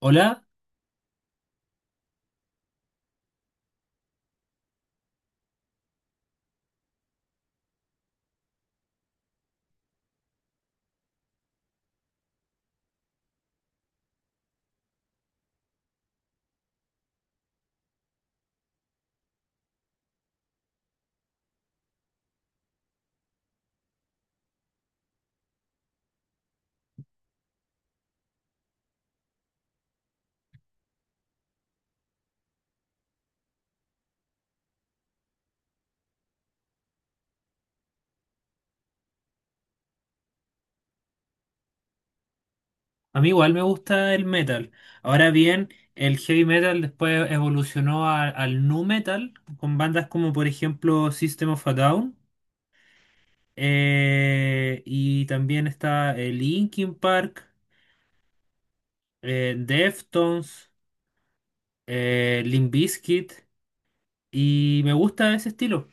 Hola, a mí igual me gusta el metal. Ahora bien, el heavy metal después evolucionó al nu metal con bandas como por ejemplo System of a Down y también está Linkin Park, Deftones, Limp Bizkit y me gusta ese estilo.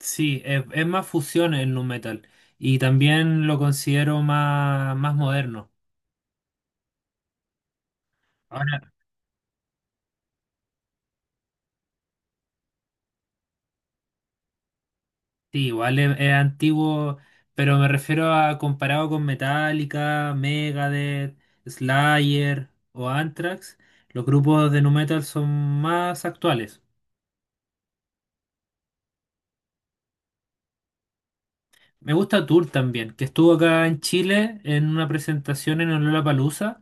Sí, es más fusión el nu metal y también lo considero más moderno. Sí, igual es antiguo, pero me refiero a comparado con Metallica, Megadeth, Slayer o Anthrax, los grupos de nu metal son más actuales. Me gusta Tool también, que estuvo acá en Chile en una presentación en el Lollapalooza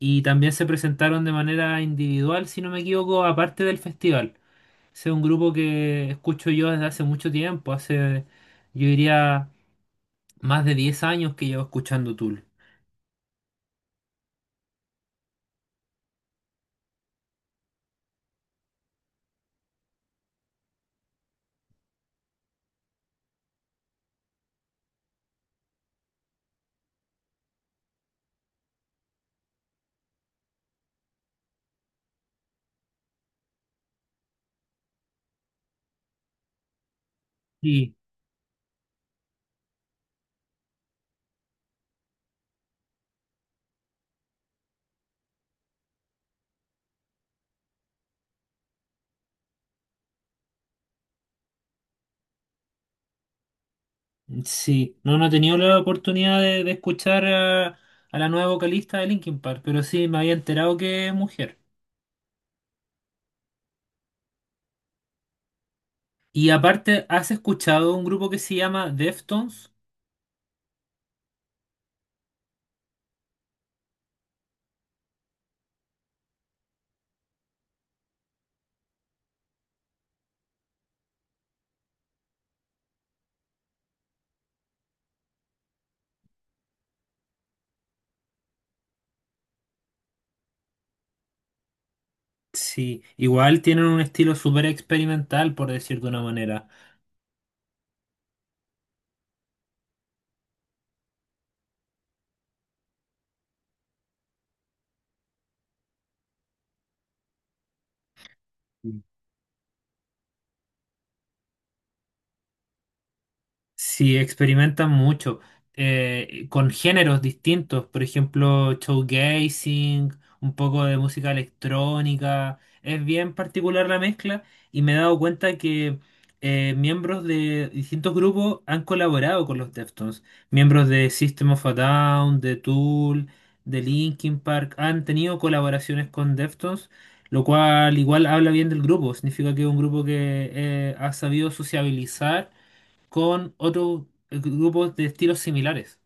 y también se presentaron de manera individual, si no me equivoco, aparte del festival. Ese es un grupo que escucho yo desde hace mucho tiempo, hace, yo diría, más de 10 años que llevo escuchando Tool. Sí, Sí, no he tenido la oportunidad de escuchar a la nueva vocalista de Linkin Park, pero sí me había enterado que es mujer. Y aparte, ¿has escuchado un grupo que se llama Deftones? Sí, igual tienen un estilo súper experimental, por decir de una manera. Sí, experimentan mucho con géneros distintos, por ejemplo, showgazing, un poco de música electrónica. Es bien particular la mezcla y me he dado cuenta que miembros de distintos grupos han colaborado con los Deftones. Miembros de System of a Down, de Tool, de Linkin Park han tenido colaboraciones con Deftones, lo cual igual habla bien del grupo. Significa que es un grupo que ha sabido sociabilizar con otros grupos de estilos similares.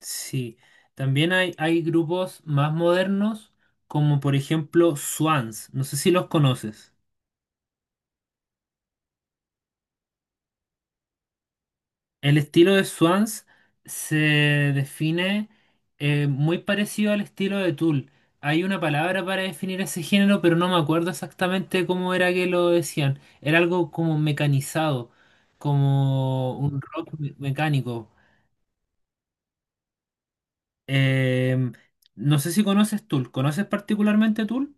Sí, también hay grupos más modernos, como por ejemplo Swans. No sé si los conoces. El estilo de Swans se define muy parecido al estilo de Tool. Hay una palabra para definir ese género, pero no me acuerdo exactamente cómo era que lo decían. Era algo como mecanizado, como un rock mecánico. Em, no sé si conoces Tool. ¿Conoces particularmente Tool?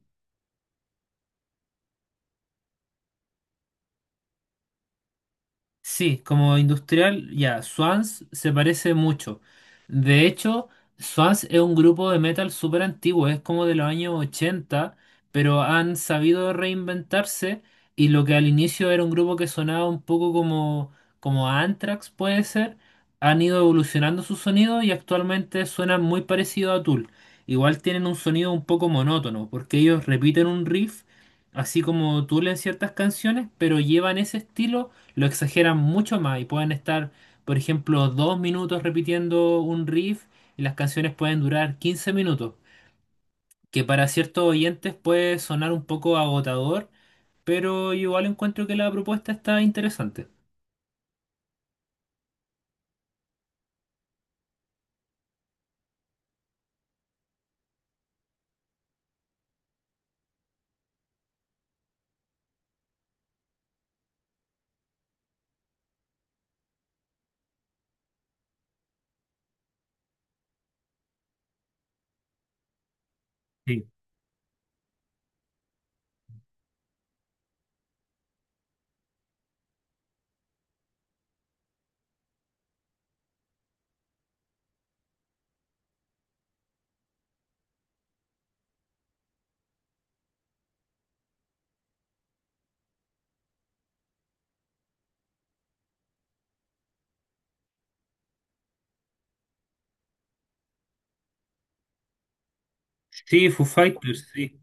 Sí, como industrial, ya, Swans se parece mucho. De hecho, Swans es un grupo de metal súper antiguo, es como de los años 80, pero han sabido reinventarse y lo que al inicio era un grupo que sonaba un poco como, como Anthrax, puede ser, han ido evolucionando su sonido y actualmente suenan muy parecido a Tool. Igual tienen un sonido un poco monótono, porque ellos repiten un riff, así como Tool en ciertas canciones, pero llevan ese estilo lo exageran mucho más y pueden estar, por ejemplo, dos minutos repitiendo un riff y las canciones pueden durar 15 minutos, que para ciertos oyentes puede sonar un poco agotador, pero igual encuentro que la propuesta está interesante. Sí, sí, Foo Fighters, sí.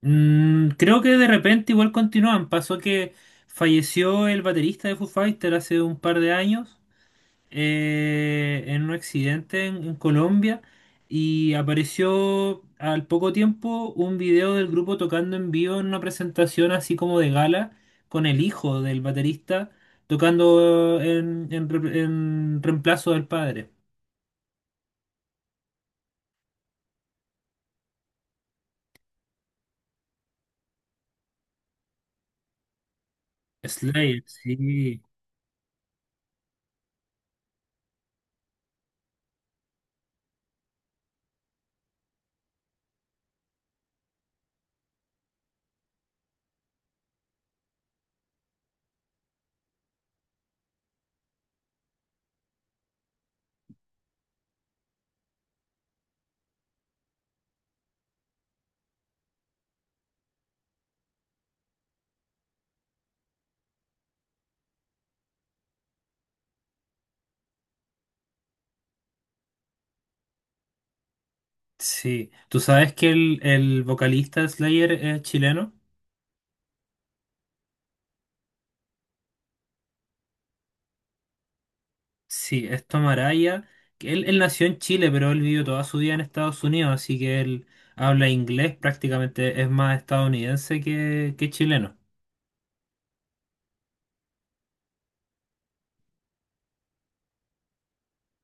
Mm, creo que de repente igual continúan. Pasó que falleció el baterista de Foo Fighters hace un par de años en un accidente en Colombia y apareció al poco tiempo un video del grupo tocando en vivo en una presentación así como de gala con el hijo del baterista tocando en reemplazo del padre. Slayer, sí, sí. ¿Tú sabes que el vocalista de Slayer es chileno? Sí, es Tom Araya, que él nació en Chile, pero él vivió toda su vida en Estados Unidos, así que él habla inglés prácticamente, es más estadounidense que chileno.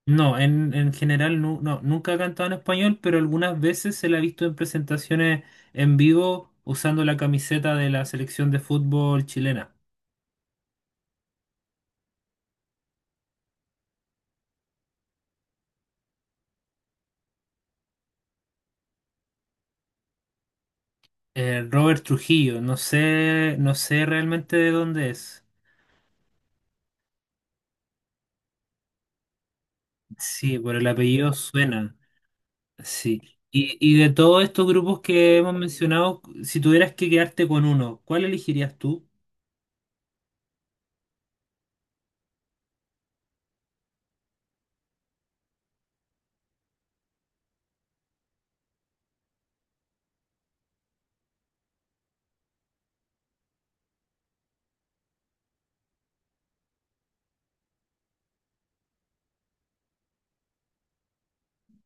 No, en general nunca ha cantado en español, pero algunas veces se la ha visto en presentaciones en vivo usando la camiseta de la selección de fútbol chilena. Robert Trujillo, no sé, no sé realmente de dónde es. Sí, por el apellido suena. Sí. Y de todos estos grupos que hemos mencionado, si tuvieras que quedarte con uno, ¿cuál elegirías tú?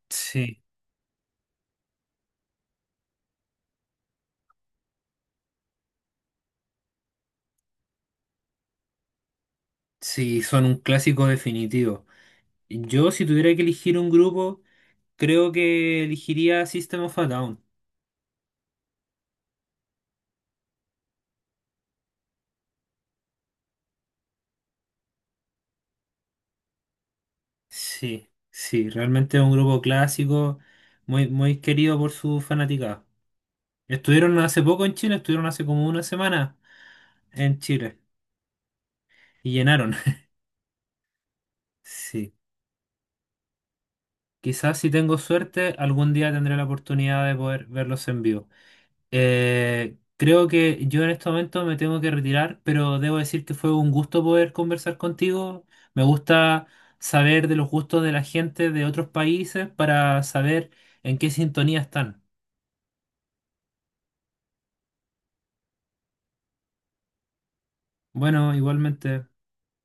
Sí, sí, son un clásico definitivo. Yo, si tuviera que elegir un grupo, creo que elegiría System of a Down. Sí, sí, realmente es un grupo clásico, muy querido por su fanaticada. Estuvieron hace poco en Chile, estuvieron hace como una semana en Chile y llenaron. Sí, quizás si tengo suerte, algún día tendré la oportunidad de poder verlos en vivo. Creo que yo en este momento me tengo que retirar, pero debo decir que fue un gusto poder conversar contigo. Me gusta saber de los gustos de la gente de otros países para saber en qué sintonía están. Bueno, igualmente.